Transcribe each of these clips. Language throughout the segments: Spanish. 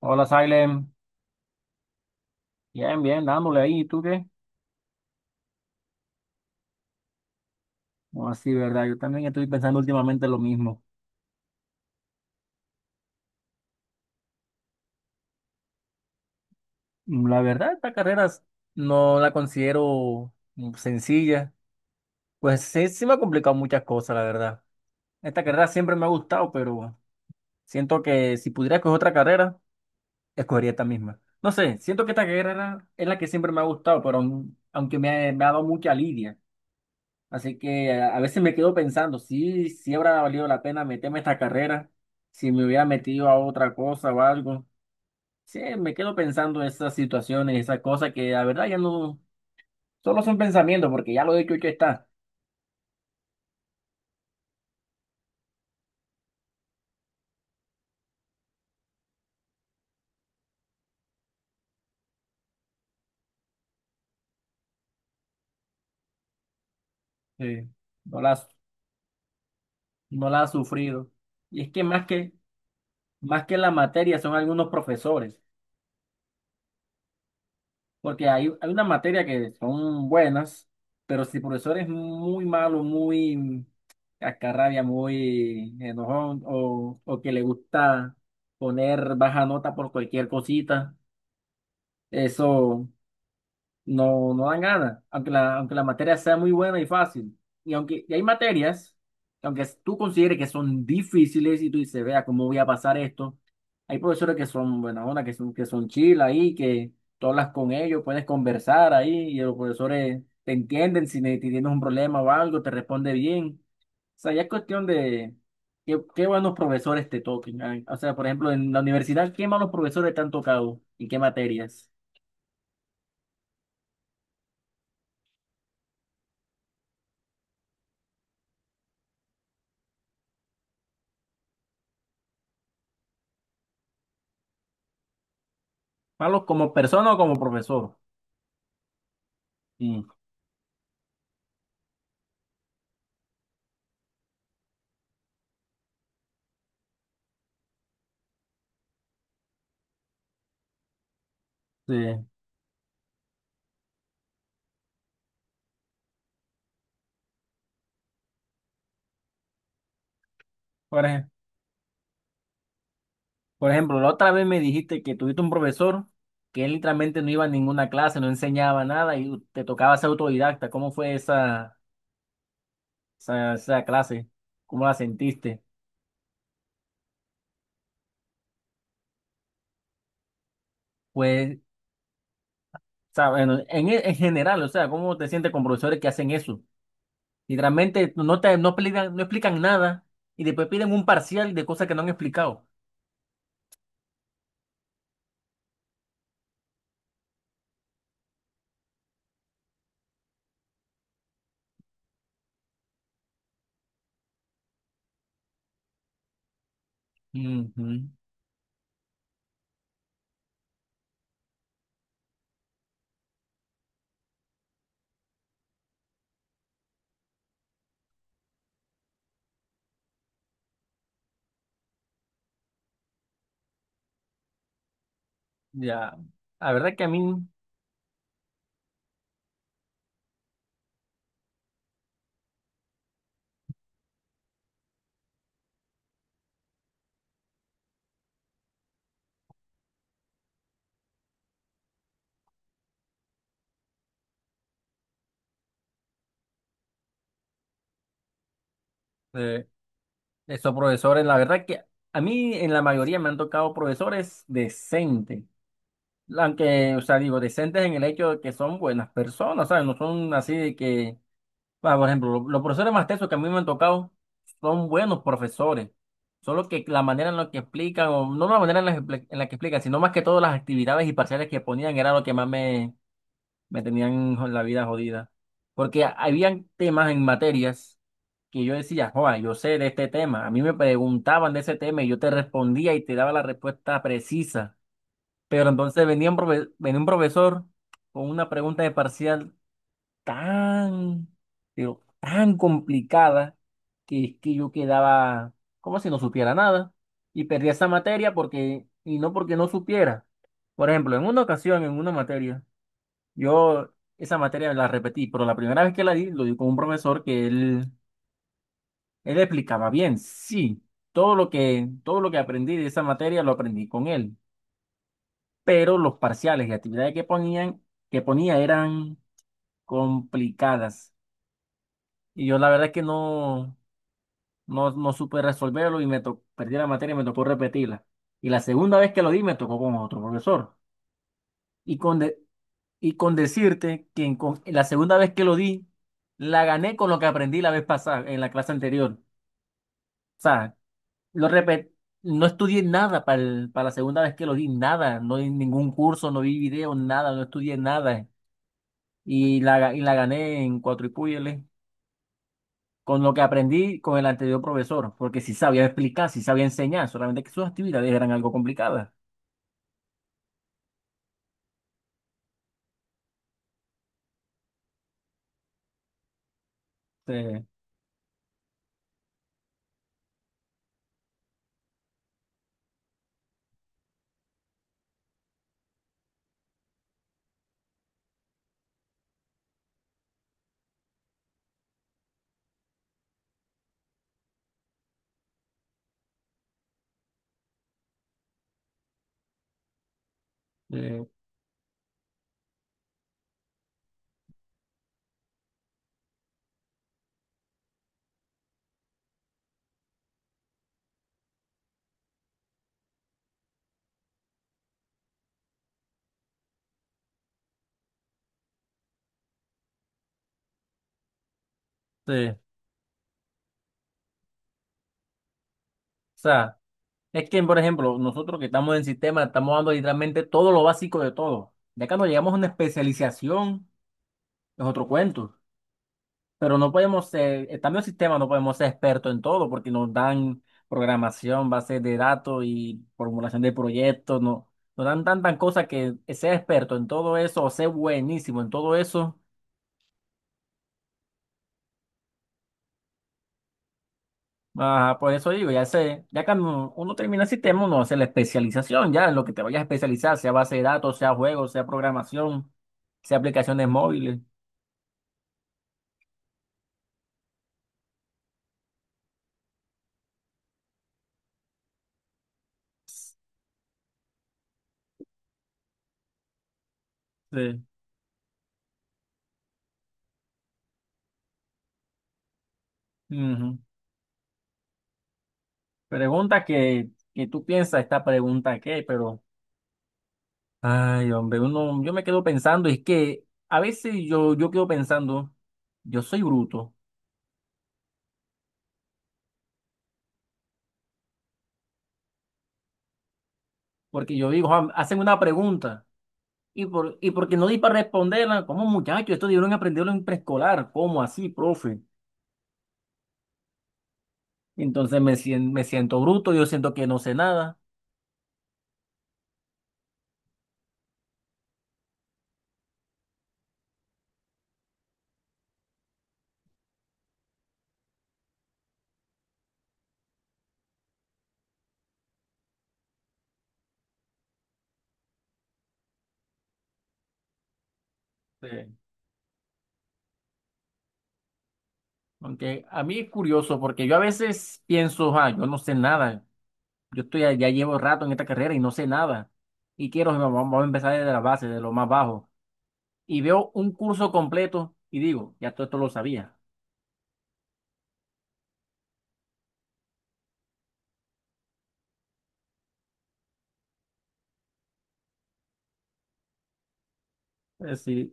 Hola, Silent. Bien, bien, dándole ahí. ¿Y tú qué? No, sí, verdad. Yo también estoy pensando últimamente lo mismo. La verdad, esta carrera no la considero sencilla. Pues sí, sí me ha complicado muchas cosas, la verdad. Esta carrera siempre me ha gustado, pero siento que si pudiera escoger otra carrera, escogería esta misma. No sé, siento que esta carrera es la que siempre me ha gustado, pero aunque me ha dado mucha lidia. Así que a veces me quedo pensando, sí, sí habrá valido la pena meterme a esta carrera, si me hubiera metido a otra cosa o algo. Sí, me quedo pensando en esas situaciones, esas cosas que la verdad ya no, solo son pensamientos, porque ya lo he hecho, hecho está. Sí, no las, no la ha sufrido. Y es que más que, Más que la materia son algunos profesores. Porque hay una materia que son buenas, pero si el profesor es muy malo, muy cascarrabia, muy enojón, o que le gusta poner baja nota por cualquier cosita, eso no dan ganas, aunque la materia sea muy buena y fácil. Y hay materias, que aunque tú consideres que son difíciles y tú dices, vea, ¿cómo voy a pasar esto? Hay profesores que son buena onda, que son chill ahí, que tú hablas con ellos, puedes conversar ahí y los profesores te entienden si si tienes un problema o algo, te responde bien. O sea, ya es cuestión de qué buenos profesores te toquen. Ah, o sea, por ejemplo, en la universidad, ¿qué malos profesores te han tocado y qué materias? ¿Malo como persona o como profesor? Sí, sí. Por ej- por ejemplo, la otra vez me dijiste que tuviste un profesor que él literalmente no iba a ninguna clase, no enseñaba nada y te tocaba ser autodidacta. ¿Cómo fue esa clase? ¿Cómo la sentiste? Pues, o sea, bueno, en general, o sea, ¿cómo te sientes con profesores que hacen eso? Literalmente no explican, no explican nada y después piden un parcial de cosas que no han explicado. Ujú, ya, la verdad que a mí... eh, Esos profesores, la verdad que a mí en la mayoría me han tocado profesores decentes, aunque, o sea, digo, decentes en el hecho de que son buenas personas, ¿sabes? No son así de que, bueno, por ejemplo, profesores más tesos que a mí me han tocado son buenos profesores, solo que la manera en la que explican, o no la manera en la que explican, sino más que todo las actividades y parciales que ponían era lo que más me tenían la vida jodida. Porque habían temas en materias que yo decía, joa, yo sé de este tema. A mí me preguntaban de ese tema y yo te respondía y te daba la respuesta precisa. Pero entonces venía un profesor con una pregunta de parcial tan, pero tan complicada que es que yo quedaba como si no supiera nada y perdía esa materia y no porque no supiera. Por ejemplo, en una ocasión, en una materia, yo esa materia la repetí, pero la primera vez que la di, lo di con un profesor él explicaba bien, sí, todo todo lo que aprendí de esa materia lo aprendí con él, pero los parciales y actividades que ponía eran complicadas. Y yo la verdad es que no supe resolverlo y perdí la materia y me tocó repetirla. Y la segunda vez que lo di, me tocó con otro profesor. Y con, de- Y con decirte que la segunda vez que lo di, la gané con lo que aprendí la vez pasada, en la clase anterior. O sea, lo repet- no estudié nada para la segunda vez que lo di, nada. No di ningún curso, no vi video, nada, no estudié nada. Y la gané en cuatro y púyele con lo que aprendí con el anterior profesor, porque sí sabía explicar, sí sabía enseñar, solamente que sus actividades eran algo complicadas. Sí, sí, sí. O sea, es que, por ejemplo, nosotros que estamos en sistema, estamos dando literalmente todo lo básico de todo. Ya cuando llegamos a una especialización, es otro cuento. Pero no podemos ser, estando en sistema, no podemos ser expertos en todo porque nos dan programación, bases de datos y formulación de proyectos. No, nos dan tantas cosas que ser experto en todo eso o ser buenísimo en todo eso. Ajá, por eso digo, ya sé, ya cuando uno termina el sistema, uno hace la especialización, ya en lo que te vayas a especializar, sea base de datos, sea juegos, sea programación, sea aplicaciones móviles. Sí. Ujú. Pregunta que tú piensas, esta pregunta qué, pero, ay, hombre, uno, yo me quedo pensando, es que a veces yo quedo pensando, yo soy bruto, porque yo digo, "Juan, hacen una pregunta. Y porque no di para responderla, como muchacho esto debieron aprenderlo en preescolar, ¿cómo así, profe? Entonces me siento bruto, yo siento que no sé nada. Sí. Aunque a mí es curioso porque yo a veces pienso, ah, yo no sé nada. Yo estoy ya llevo rato en esta carrera y no sé nada. Y quiero, vamos, vamos a empezar desde la base, de lo más bajo. Y veo un curso completo y digo, ya todo esto lo sabía. Es decir,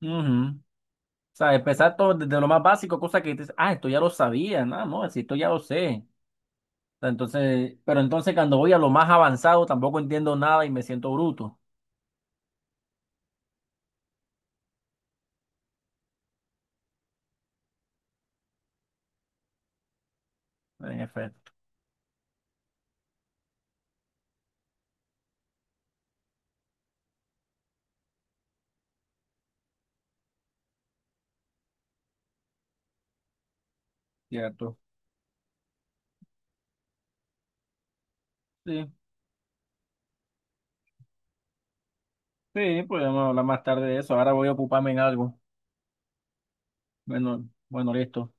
ujú. O sea, empezar todo desde lo más básico, cosa que dices, ah, esto ya lo sabía, no, no, si esto ya lo sé. O sea, entonces, pero entonces cuando voy a lo más avanzado tampoco entiendo nada y me siento bruto. En efecto. Cierto. Sí, sí, podemos hablar más tarde de eso. Ahora voy a ocuparme en algo. Bueno, bueno, listo.